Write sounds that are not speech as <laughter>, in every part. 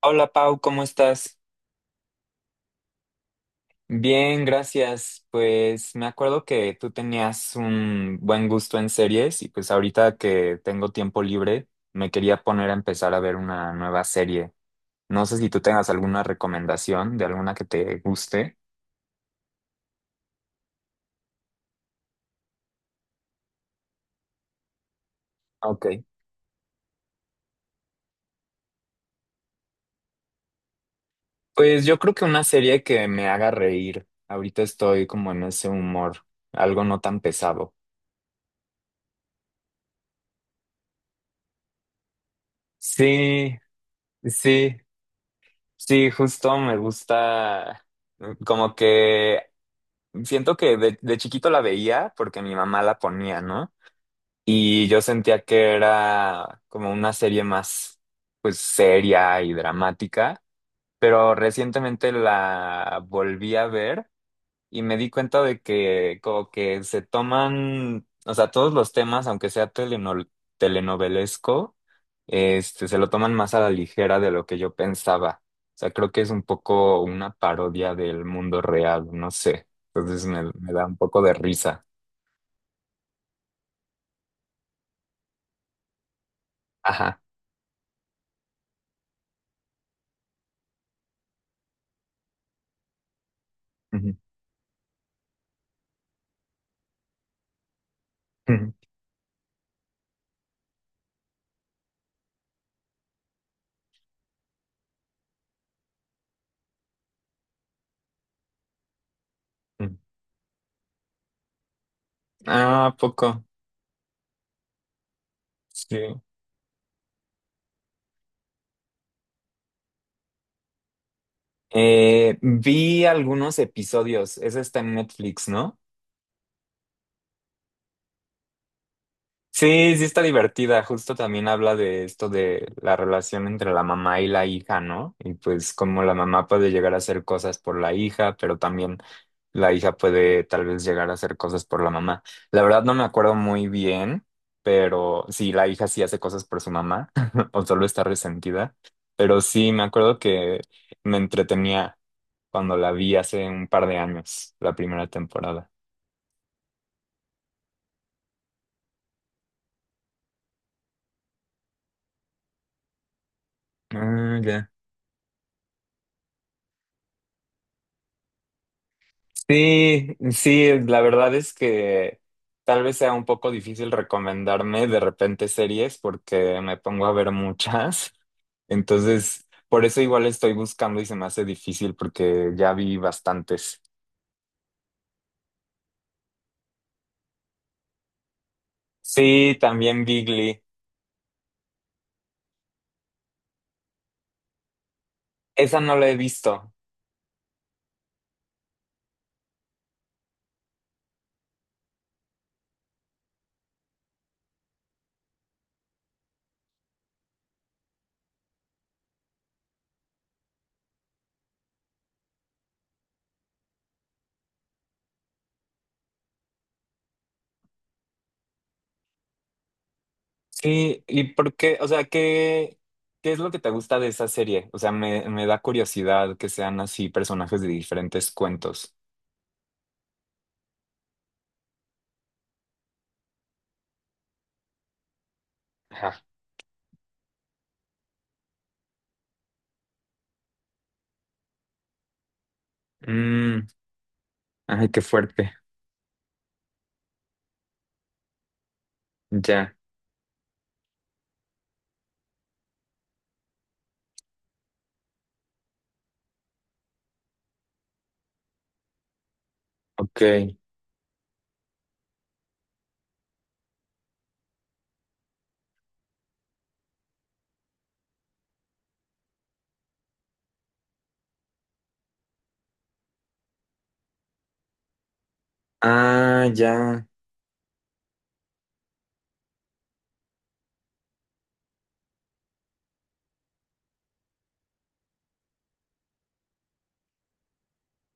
Hola Pau, ¿cómo estás? Bien, gracias. Pues me acuerdo que tú tenías un buen gusto en series y pues ahorita que tengo tiempo libre me quería poner a empezar a ver una nueva serie. No sé si tú tengas alguna recomendación de alguna que te guste. Ok. Pues yo creo que una serie que me haga reír. Ahorita estoy como en ese humor, algo no tan pesado. Sí, sí, sí, justo me gusta. Mm, como que siento que de chiquito la veía porque mi mamá la ponía, ¿no? Y yo sentía que era como una serie más, pues, seria y dramática, pero recientemente la volví a ver y me di cuenta de que como que se toman, o sea, todos los temas, aunque sea telenovelesco, este, se lo toman más a la ligera de lo que yo pensaba. O sea, creo que es un poco una parodia del mundo real, no sé. Entonces me da un poco de risa. Ajá. Ujú. Ujú. Ujú. Ah, ¿a poco? Sí. Vi algunos episodios. Ese está en Netflix, ¿no? Sí, sí está divertida. Justo también habla de esto de la relación entre la mamá y la hija, ¿no? Y pues cómo la mamá puede llegar a hacer cosas por la hija, pero también la hija puede tal vez llegar a hacer cosas por la mamá. La verdad no me acuerdo muy bien, pero sí, la hija sí hace cosas por su mamá <laughs> o solo está resentida. Pero sí, me acuerdo que me entretenía cuando la vi hace un par de años, la primera temporada. Ah, ya. Sí, sí, la verdad es que tal vez sea un poco difícil recomendarme de repente series porque me pongo a ver muchas. <laughs> Entonces, por eso igual estoy buscando y se me hace difícil porque ya vi bastantes. Sí, también Bigly. Esa no la he visto. Sí, ¿y por qué? O sea, ¿qué, qué es lo que te gusta de esa serie? O sea, me da curiosidad que sean así personajes de diferentes cuentos. Ajá. Mm, ay, qué fuerte. Ya. Ok. Ah, ya.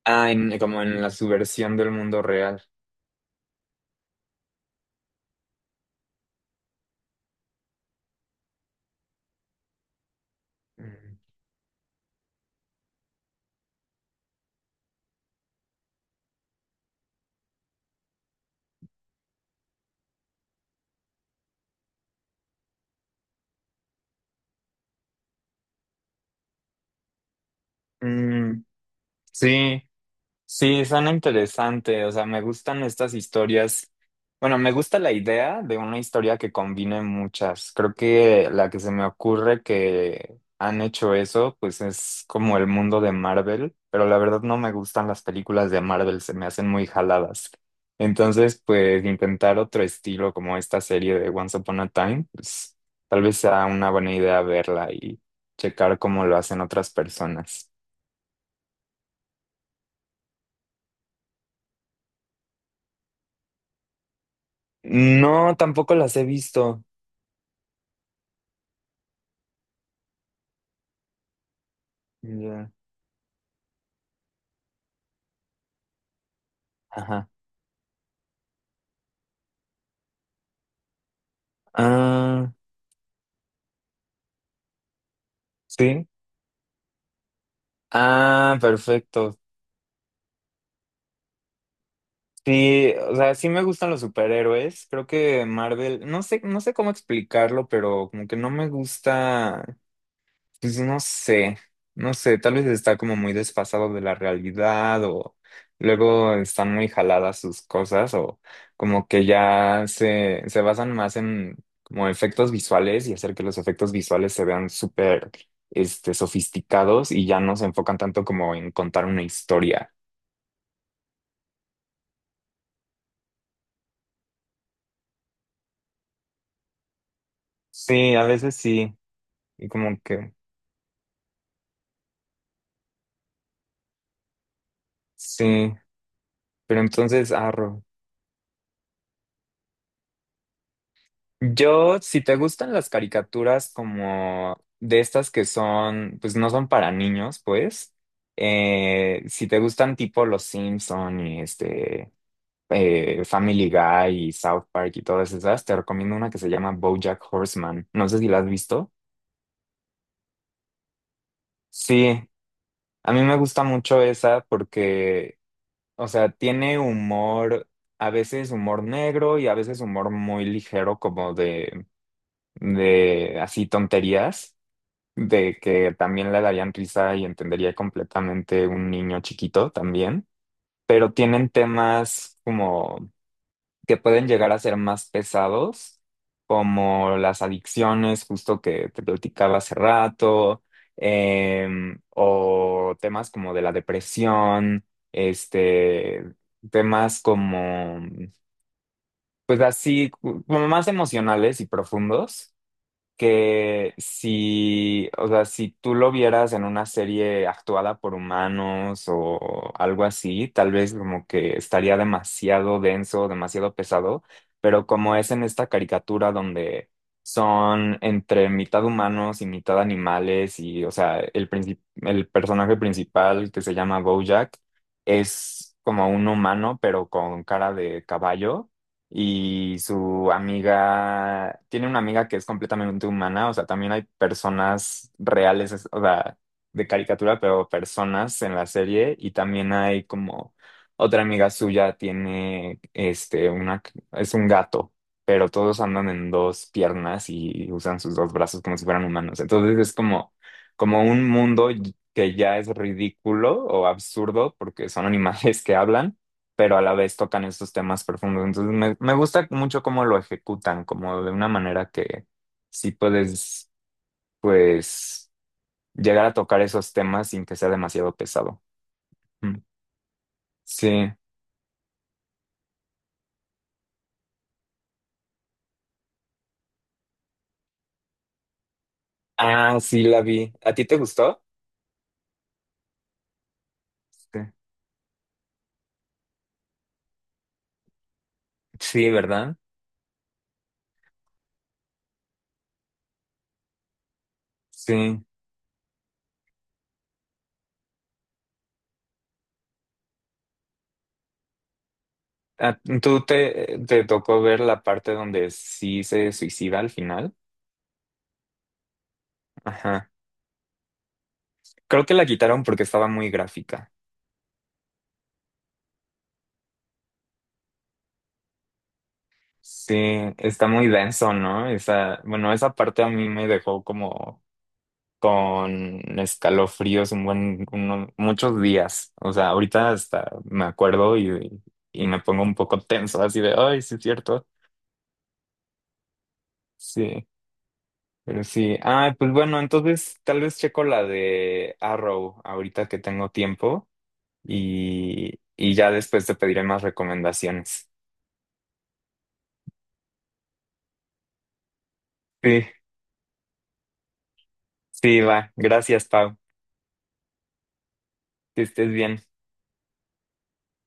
Ah, como en la subversión del mundo real. Mm, mm, sí, Sí, suena interesante, o sea, me gustan estas historias. Bueno, me gusta la idea de una historia que combine muchas. Creo que la que se me ocurre que han hecho eso, pues es como el mundo de Marvel, pero la verdad no me gustan las películas de Marvel, se me hacen muy jaladas. Entonces, pues intentar otro estilo como esta serie de Once Upon a Time, pues tal vez sea una buena idea verla y checar cómo lo hacen otras personas. No, tampoco las he visto. Ya. Ajá. Ah, sí. Ah, perfecto. Sí, o sea, sí me gustan los superhéroes. Creo que Marvel, no sé, no sé cómo explicarlo, pero como que no me gusta. Pues no sé, no sé, tal vez está como muy desfasado de la realidad o luego están muy jaladas sus cosas o como que ya se basan más en como efectos visuales y hacer que los efectos visuales se vean súper, sofisticados y ya no se enfocan tanto como en contar una historia. Sí, a veces sí, y como que sí, pero entonces, arro. Yo, si te gustan las caricaturas como de estas que son, pues no son para niños, pues, si te gustan tipo Los Simpson y Family Guy y South Park y todas esas, te recomiendo una que se llama BoJack Horseman. No sé si la has visto. Sí, a mí me gusta mucho esa porque, o sea, tiene humor, a veces humor negro y a veces humor muy ligero como de así tonterías, de que también le darían risa y entendería completamente un niño chiquito también, pero tienen temas como que pueden llegar a ser más pesados, como las adicciones, justo que te platicaba hace rato, o temas como de la depresión, este, temas como, pues así, como más emocionales y profundos que si, o sea, si tú lo vieras en una serie actuada por humanos o algo así, tal vez como que estaría demasiado denso, demasiado pesado, pero como es en esta caricatura donde son entre mitad humanos y mitad animales y, o sea, el el personaje principal que se llama Bojack es como un humano, pero con cara de caballo y su amiga, tiene una amiga que es completamente humana, o sea, también hay personas reales, o sea, de caricatura, pero personas en la serie y también hay como otra amiga suya tiene, este, una, es un gato, pero todos andan en dos piernas y usan sus dos brazos como si fueran humanos. Entonces es como, como un mundo que ya es ridículo o absurdo porque son animales <laughs> que hablan, pero a la vez tocan estos temas profundos. Entonces me gusta mucho cómo lo ejecutan, como de una manera que sí puedes, pues, llegar a tocar esos temas sin que sea demasiado pesado. Mm. Sí. Ah, sí, la vi. ¿A ti te gustó? Sí. Sí, ¿verdad? Sí. Ah, ¿tú te tocó ver la parte donde sí se suicida al final? Ajá. Creo que la quitaron porque estaba muy gráfica. Sí, está muy denso, ¿no? Esa, bueno, esa parte a mí me dejó como con escalofríos un buen, muchos días. O sea, ahorita hasta me acuerdo y me pongo un poco tenso, así de, ay, sí es cierto. Sí, pero sí. Ah, pues bueno, entonces tal vez checo la de Arrow ahorita que tengo tiempo y ya después te pediré más recomendaciones. Sí, sí, va. Gracias, Pau. Que estés bien.